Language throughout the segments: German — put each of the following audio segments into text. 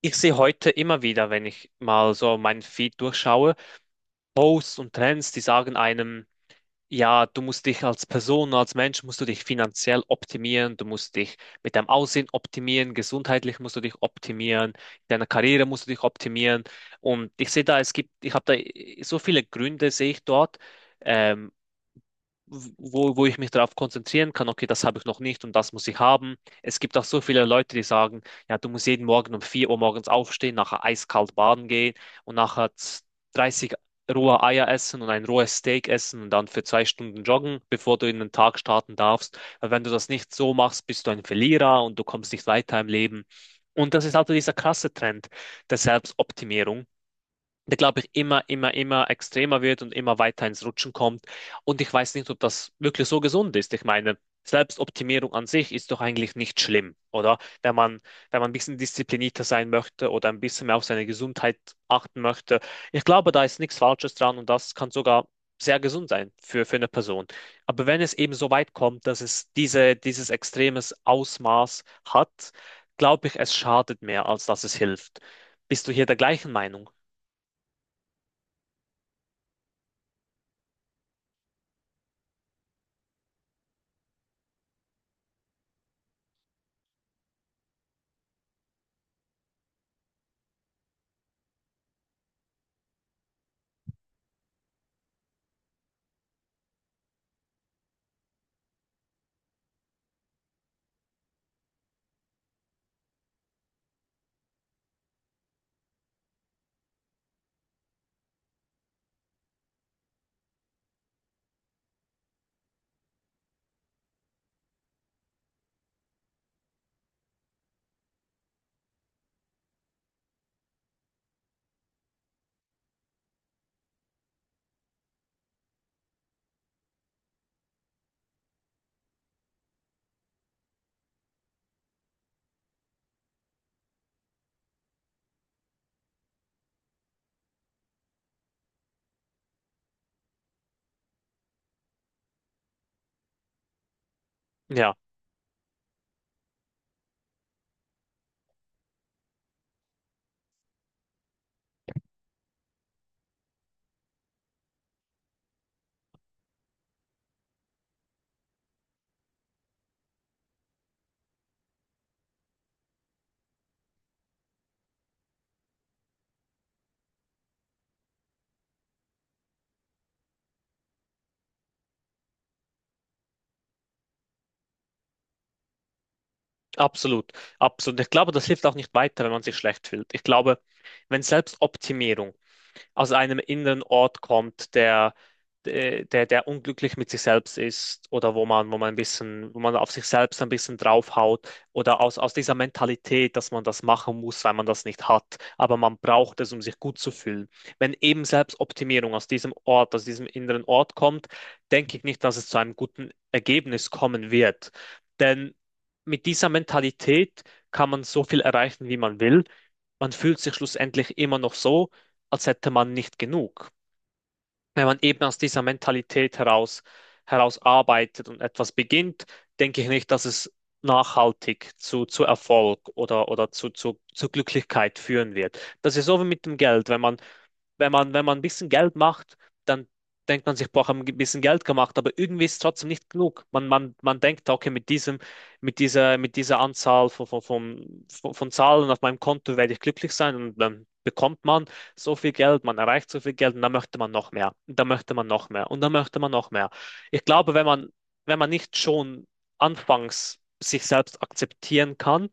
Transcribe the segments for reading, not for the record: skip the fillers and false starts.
Ich sehe heute immer wieder, wenn ich mal so meinen Feed durchschaue, Posts und Trends, die sagen einem, ja, du musst dich als Person, als Mensch, musst du dich finanziell optimieren, du musst dich mit deinem Aussehen optimieren, gesundheitlich musst du dich optimieren, in deiner Karriere musst du dich optimieren. Und ich sehe da, es gibt, ich habe da so viele Gründe, sehe ich dort, ähm, wo ich mich darauf konzentrieren kann, okay, das habe ich noch nicht und das muss ich haben. Es gibt auch so viele Leute, die sagen, ja, du musst jeden Morgen um 4 Uhr morgens aufstehen, nachher eiskalt baden gehen und nachher 30 rohe Eier essen und ein rohes Steak essen und dann für 2 Stunden joggen, bevor du in den Tag starten darfst. Weil wenn du das nicht so machst, bist du ein Verlierer und du kommst nicht weiter im Leben. Und das ist also dieser krasse Trend der Selbstoptimierung der, glaube ich, immer, immer, immer extremer wird und immer weiter ins Rutschen kommt. Und ich weiß nicht, ob das wirklich so gesund ist. Ich meine, Selbstoptimierung an sich ist doch eigentlich nicht schlimm, oder? Wenn man ein bisschen disziplinierter sein möchte oder ein bisschen mehr auf seine Gesundheit achten möchte. Ich glaube, da ist nichts Falsches dran und das kann sogar sehr gesund sein für eine Person. Aber wenn es eben so weit kommt, dass es dieses extremes Ausmaß hat, glaube ich, es schadet mehr, als dass es hilft. Bist du hier der gleichen Meinung? Ja. Absolut, absolut. Ich glaube, das hilft auch nicht weiter, wenn man sich schlecht fühlt. Ich glaube, wenn Selbstoptimierung aus einem inneren Ort kommt, der unglücklich mit sich selbst ist oder wo man auf sich selbst ein bisschen draufhaut oder aus dieser Mentalität, dass man das machen muss, weil man das nicht hat, aber man braucht es, um sich gut zu fühlen. Wenn eben Selbstoptimierung aus diesem Ort, aus diesem inneren Ort kommt, denke ich nicht, dass es zu einem guten Ergebnis kommen wird. Denn mit dieser Mentalität kann man so viel erreichen, wie man will. Man fühlt sich schlussendlich immer noch so, als hätte man nicht genug. Wenn man eben aus dieser Mentalität heraus arbeitet und etwas beginnt, denke ich nicht, dass es nachhaltig zu Erfolg oder zu Glücklichkeit führen wird. Das ist so wie mit dem Geld. Wenn man ein bisschen Geld macht, dann denkt man sich, boah, haben ein bisschen Geld gemacht, aber irgendwie ist es trotzdem nicht genug. Man denkt, okay, mit dieser Anzahl von Zahlen auf meinem Konto werde ich glücklich sein und dann bekommt man so viel Geld, man erreicht so viel Geld und dann möchte man noch mehr, und dann möchte man noch mehr und dann möchte man noch mehr. Ich glaube, wenn man nicht schon anfangs sich selbst akzeptieren kann,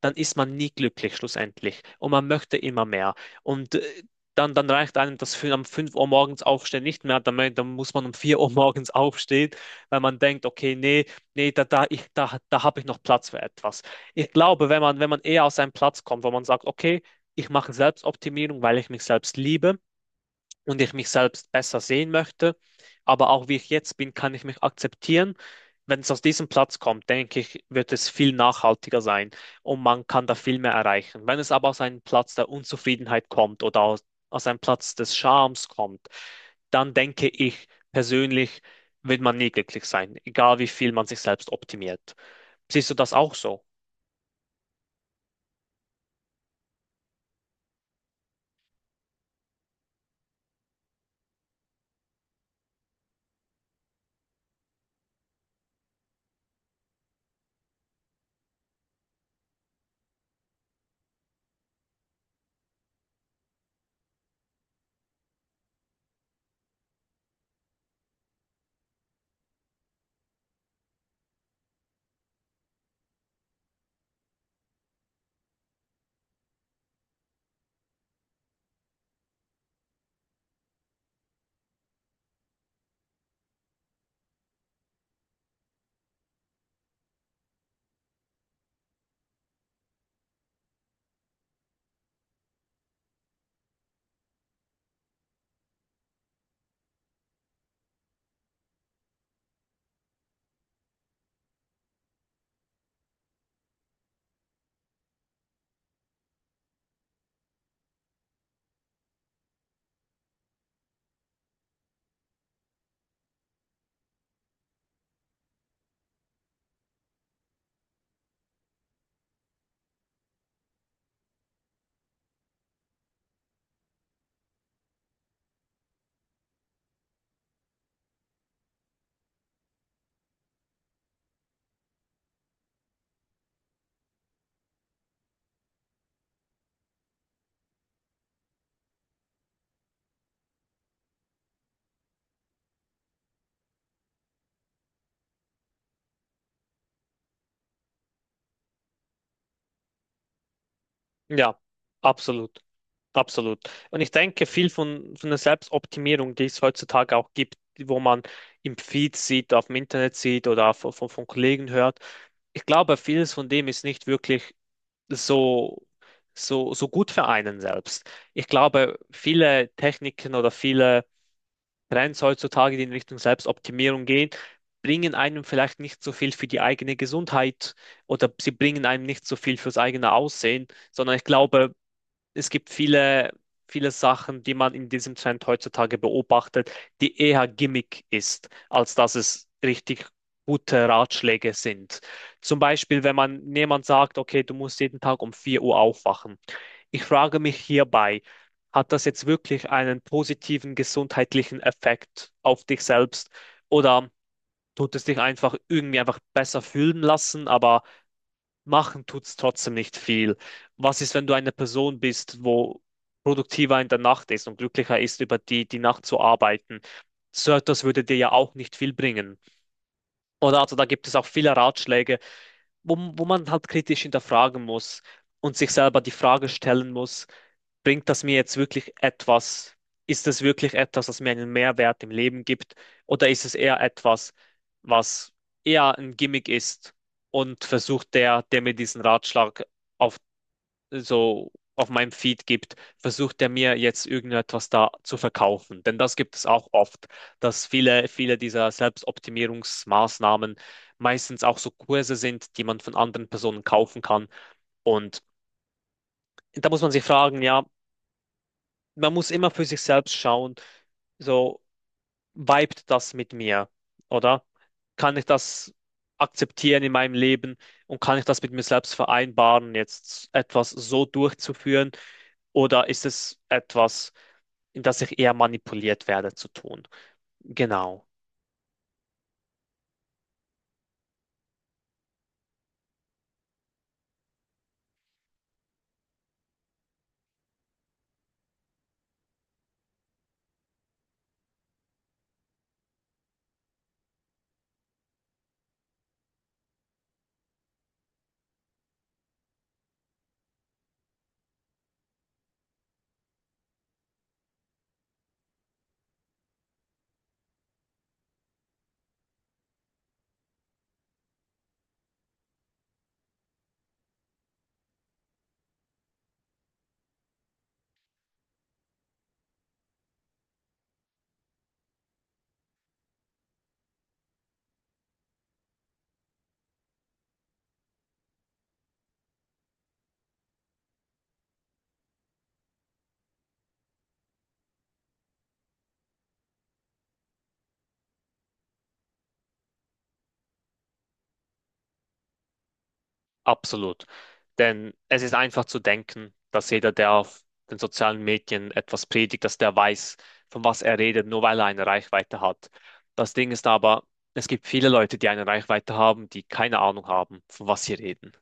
dann ist man nie glücklich schlussendlich und man möchte immer mehr. Und dann reicht einem das für am 5 Uhr morgens aufstehen nicht mehr, dann muss man um 4 Uhr morgens aufstehen, weil man denkt, okay, nee, nee, da habe ich noch Platz für etwas. Ich glaube, wenn man eher aus einem Platz kommt, wo man sagt, okay, ich mache Selbstoptimierung, weil ich mich selbst liebe und ich mich selbst besser sehen möchte. Aber auch wie ich jetzt bin, kann ich mich akzeptieren. Wenn es aus diesem Platz kommt, denke ich, wird es viel nachhaltiger sein und man kann da viel mehr erreichen. Wenn es aber aus einem Platz der Unzufriedenheit kommt oder aus einem Platz des Schams kommt, dann denke ich persönlich, wird man nie glücklich sein, egal wie viel man sich selbst optimiert. Siehst du das auch so? Ja, absolut. Absolut. Und ich denke, viel von der Selbstoptimierung, die es heutzutage auch gibt, wo man im Feed sieht, auf dem Internet sieht oder von Kollegen hört, ich glaube, vieles von dem ist nicht wirklich so, so gut für einen selbst. Ich glaube, viele Techniken oder viele Trends heutzutage, die in Richtung Selbstoptimierung gehen, bringen einem vielleicht nicht so viel für die eigene Gesundheit oder sie bringen einem nicht so viel fürs eigene Aussehen, sondern ich glaube, es gibt viele, viele Sachen, die man in diesem Trend heutzutage beobachtet, die eher Gimmick ist, als dass es richtig gute Ratschläge sind. Zum Beispiel, wenn man jemand sagt, okay, du musst jeden Tag um 4 Uhr aufwachen. Ich frage mich hierbei, hat das jetzt wirklich einen positiven gesundheitlichen Effekt auf dich selbst oder tut es dich einfach irgendwie einfach besser fühlen lassen, aber machen tut's trotzdem nicht viel. Was ist, wenn du eine Person bist, wo produktiver in der Nacht ist und glücklicher ist, über die Nacht zu arbeiten? So etwas würde dir ja auch nicht viel bringen. Oder also da gibt es auch viele Ratschläge, wo man halt kritisch hinterfragen muss und sich selber die Frage stellen muss, bringt das mir jetzt wirklich etwas? Ist das wirklich etwas, das mir einen Mehrwert im Leben gibt? Oder ist es eher etwas, was eher ein Gimmick ist und versucht der mir diesen Ratschlag auf, so auf meinem Feed gibt, versucht der mir jetzt irgendetwas da zu verkaufen? Denn das gibt es auch oft, dass viele, viele dieser Selbstoptimierungsmaßnahmen meistens auch so Kurse sind, die man von anderen Personen kaufen kann und da muss man sich fragen, ja, man muss immer für sich selbst schauen, so vibet das mit mir, oder? Kann ich das akzeptieren in meinem Leben und kann ich das mit mir selbst vereinbaren, jetzt etwas so durchzuführen, oder ist es etwas, in das ich eher manipuliert werde zu tun? Genau. Absolut. Denn es ist einfach zu denken, dass jeder, der auf den sozialen Medien etwas predigt, dass der weiß, von was er redet, nur weil er eine Reichweite hat. Das Ding ist aber, es gibt viele Leute, die eine Reichweite haben, die keine Ahnung haben, von was sie reden.